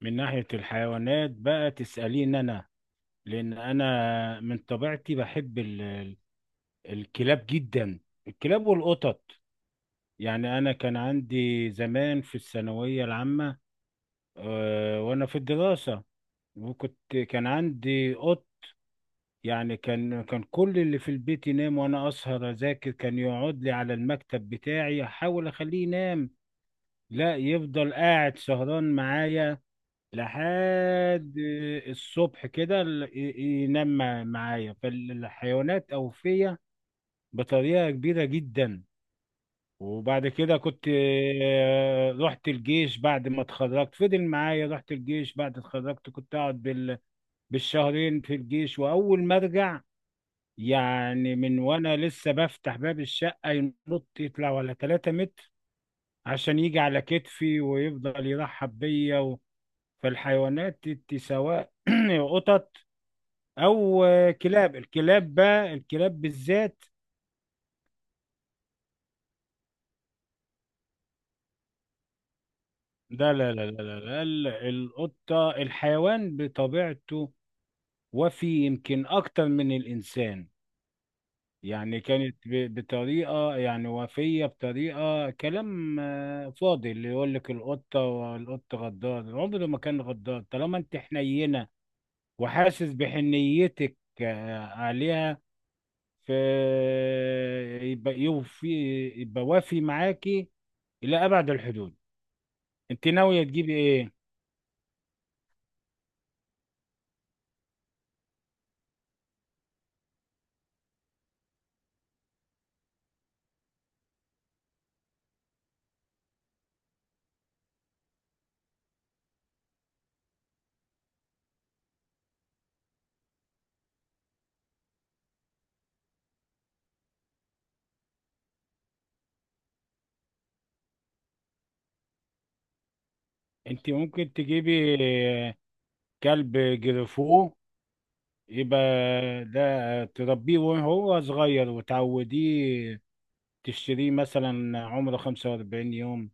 من ناحية الحيوانات بقى تسأليني أنا. لأن أنا من طبيعتي بحب الكلاب جدا، الكلاب والقطط. يعني أنا كان عندي زمان في الثانوية العامة، وأنا في الدراسة، وكنت كان عندي قط. يعني كان كل اللي في البيت ينام وأنا أسهر أذاكر، كان يقعد لي على المكتب بتاعي أحاول أخليه ينام، لا يفضل قاعد سهران معايا لحد الصبح كده، ينام معايا. فالحيوانات أوفية بطريقة كبيرة جدا. وبعد كده كنت، رحت الجيش بعد ما اتخرجت، فضل معايا، رحت الجيش بعد اتخرجت، كنت اقعد بالشهرين في الجيش. واول ما ارجع، يعني من وانا لسه بفتح باب الشقة، ينط يطلع ولا 3 متر عشان يجي على كتفي ويفضل يرحب بيا. فالحيوانات سواء قطط او كلاب، الكلاب بقى، الكلاب بالذات. ده لا لا لا لا لا، القطة الحيوان بطبيعته، وفي يمكن اكتر من الانسان. يعني كانت بطريقة، يعني وفية بطريقة، كلام فاضي اللي يقول لك القطة والقط غدار، عمره ما كان غدار طالما انت حنينة وحاسس بحنيتك عليها. ف يبقى يوفي، يبقى وافي معاكي إلى أبعد الحدود. انت ناوية تجيبي ايه؟ انت ممكن تجيبي كلب جريفو، يبقى ده تربيه وهو صغير وتعوديه. تشتريه مثلا عمره 45 يوم،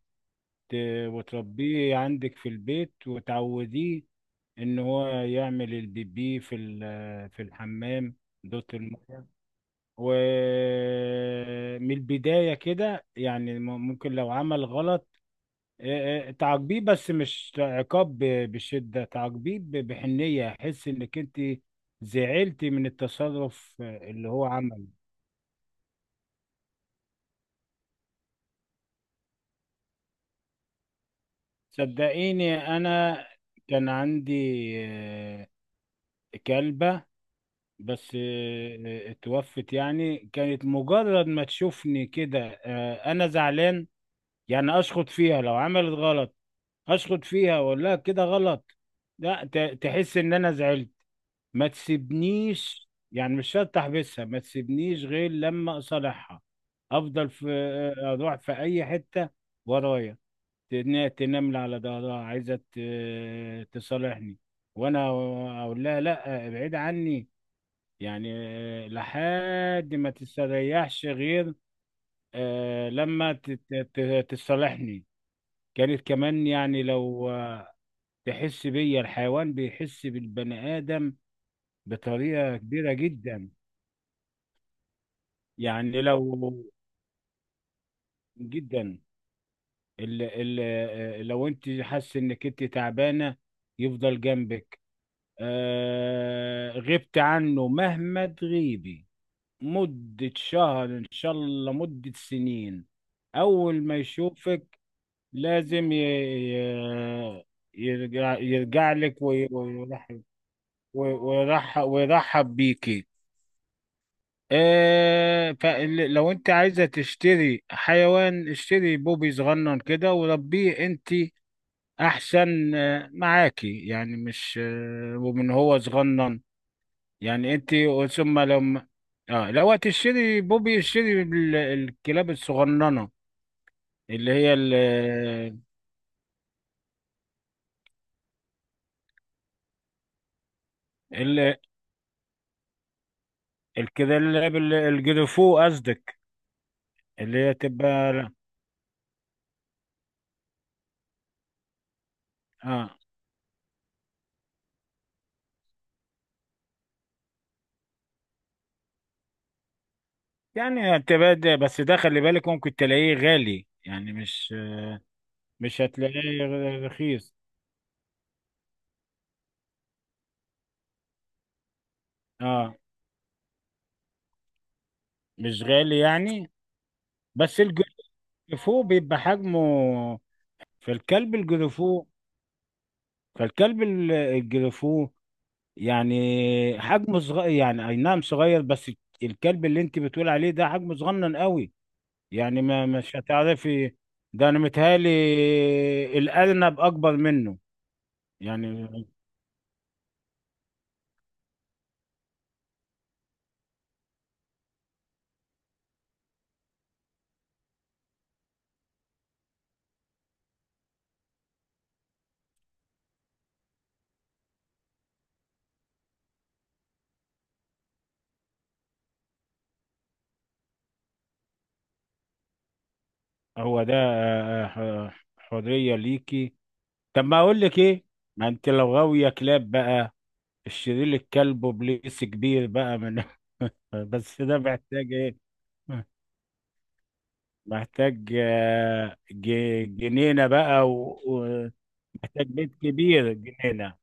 ت- وتربيه عندك في البيت وتعوديه ان هو يعمل البيبي في في الحمام. دوت الميه. ومن البداية كده يعني، ممكن لو عمل غلط، تعاقبيه بس مش عقاب بشدة، تعاقبيه بحنية، احس انك انت زعلتي من التصرف اللي هو عمله. صدقيني انا كان عندي آه، كلبة، بس اتوفت. يعني كانت مجرد ما تشوفني كده انا زعلان، يعني اشخط فيها لو عملت غلط، اشخط فيها واقول لها كده غلط، لا تحس ان انا زعلت، ما تسيبنيش. يعني مش شرط احبسها، ما تسيبنيش غير لما اصالحها، افضل في، اروح في اي حته ورايا، تنمل على ظهرها عايزه تصالحني، وانا اقول لها لا، ابعد عني يعني، لحد ما تستريحش غير لما تصالحني. كانت كمان يعني لو تحس بيا، الحيوان بيحس بالبني ادم بطريقه كبيره جدا. يعني لو جدا، ال ال لو انت حاسه انك انت تعبانه يفضل جنبك. غبت عنه مهما تغيبي مدة شهر ان شاء الله، مدة سنين، اول ما يشوفك لازم يرجع لك ويرحب بيكي. فلو انت عايزة تشتري حيوان، اشتري بوبي صغنن كده وربيه انت، احسن معاكي. يعني مش ومن هو صغنن، يعني انت ثم لما، اه لو هتشتري بوبي، اشتري الكلاب الصغننة اللي هي ال ال الكلاب الجرفو قصدك، اللي هي تبقى، اه يعني هتبقى، بس ده خلي بالك ممكن تلاقيه غالي، يعني مش هتلاقيه رخيص. اه مش غالي يعني، بس الجرفو بيبقى حجمه، في الكلب الجرفو، فالكلب الجرفو يعني حجمه صغير، يعني اي نعم صغير، بس الكلب اللي انت بتقول عليه ده حجمه صغنن قوي، يعني ما مش هتعرفي. ده انا متهيألي الارنب اكبر منه. يعني هو ده، حرية ليكي. طب ما اقول لك ايه، ما انت لو غاوية كلاب بقى، الشرير الكلب وبليس كبير بقى من بس ده محتاج ايه، محتاج جنينة بقى، ومحتاج بيت كبير، جنينة.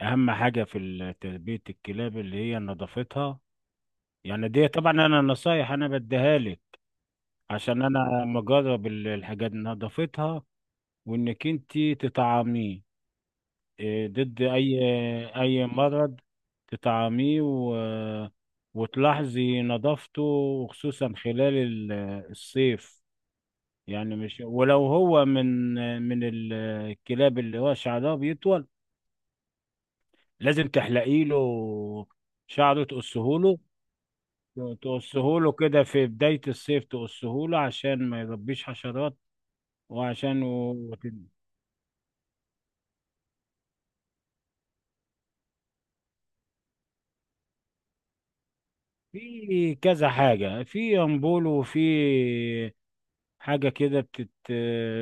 أهم حاجة في تربية الكلاب اللي هي نظافتها. يعني دي طبعا أنا نصايح أنا بديها لك، عشان أنا مجرب الحاجات، نظافتها وإنك أنت تطعميه ضد أي مرض، تطعميه وتلاحظي نظافته، وخصوصا خلال الصيف، يعني مش ولو هو من الكلاب اللي هو شعرها بيطول لازم تحلقي له شعره، تقصه له كده في بداية الصيف، تقصه له عشان ما يربيش حشرات. وعشان و... وت- في كذا حاجة، في أمبول، وفي حاجة كده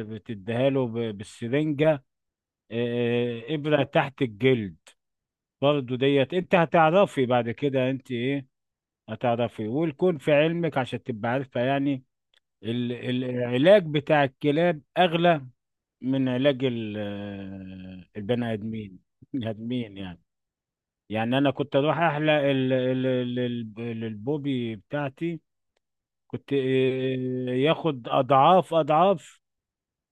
بتديها له بالسرنجة، إبرة تحت الجلد. برضو ديت أنت هتعرفي بعد كده، أنت هتعرفي والكون في علمك عشان تبقى عارفة، يعني العلاج بتاع الكلاب أغلى من علاج البني آدمين البني آدمين يعني. يعني أنا كنت أروح أحلق البوبي بتاعتي، كنت ياخد أضعاف أضعاف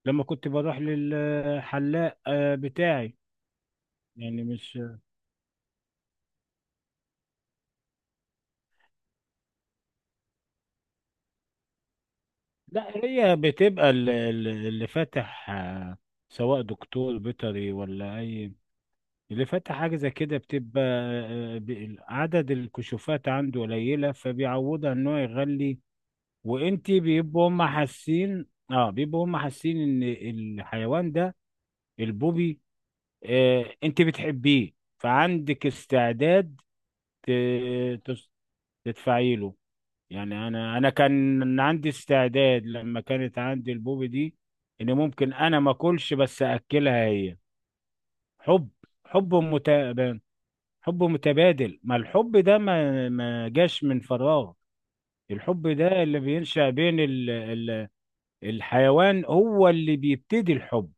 لما كنت بروح للحلاق بتاعي. يعني مش لا، هي بتبقى اللي فاتح، سواء دكتور بيطري ولا اي، اللي فاتح حاجة زي كده بتبقى، عدد الكشوفات عنده قليلة فبيعوضها ان هو يغلي. بيبقوا هم حاسين، اه بيبقوا هم حاسين، ان الحيوان ده، البوبي، انت بتحبيه فعندك استعداد ت- تس- تدفعي له. يعني انا كان عندي استعداد لما كانت عندي البوبي دي ان ممكن انا ما اكلش بس اكلها هي. حب، حب متبادل، حب متبادل، ما الحب ده ما جاش من فراغ. الحب ده اللي بينشأ بين ال ال الحيوان هو اللي بيبتدي الحب.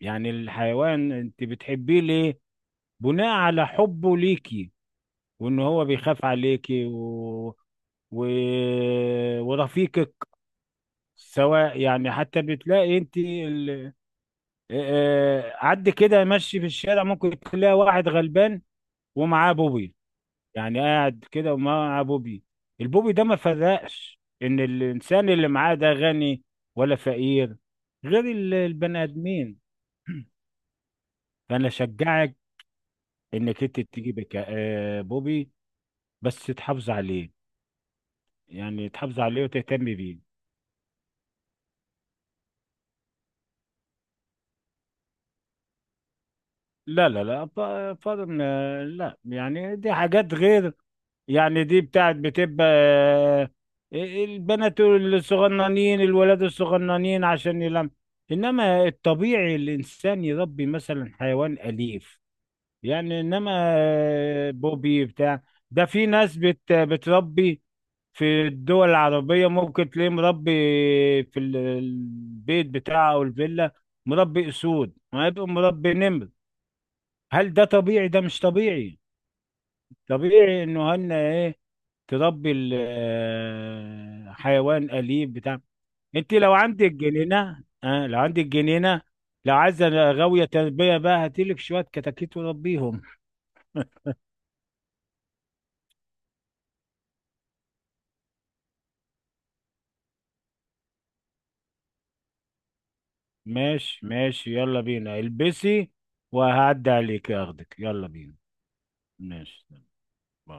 يعني الحيوان انت بتحبيه ليه، بناء على حبه ليكي، وان هو بيخاف عليكي و... ورفيقك. سواء يعني، حتى بتلاقي انت ال... آه، آه، عد كده ماشي في الشارع، ممكن تلاقي واحد غلبان ومعاه بوبي. يعني قاعد كده ومعاه بوبي، البوبي ده ما فرقش ان الانسان اللي معاه ده غني ولا فقير، غير البني ادمين. فانا اشجعك انك انت تجيب بوبي، بس تحافظ عليه، يعني تحافظ عليه وتهتم بيه. لا لا لا، فضل لا، يعني دي حاجات غير، يعني دي بتاعت بتبقى البنات الصغننين الولاد الصغننين عشان يلم، انما الطبيعي الانسان يربي مثلا حيوان اليف. يعني انما بوبي بتاع، ده في ناس بتربي في الدول العربية ممكن تلاقيه مربي في البيت بتاعه او الفيلا، مربي اسود، ما يبقى مربي نمر. هل ده طبيعي؟ ده مش طبيعي. طبيعي انه هن ايه، تربي حيوان أليف بتاع. انت لو عندك جنينة، اه، لو عندك جنينة، لو عايزة غاوية تربية بقى، هاتيلك شوية كتاكيت وربيهم. ماشي، ماشي، يلا بينا البسي وهعدي عليك اخدك، يلا بينا. ماشي، باي.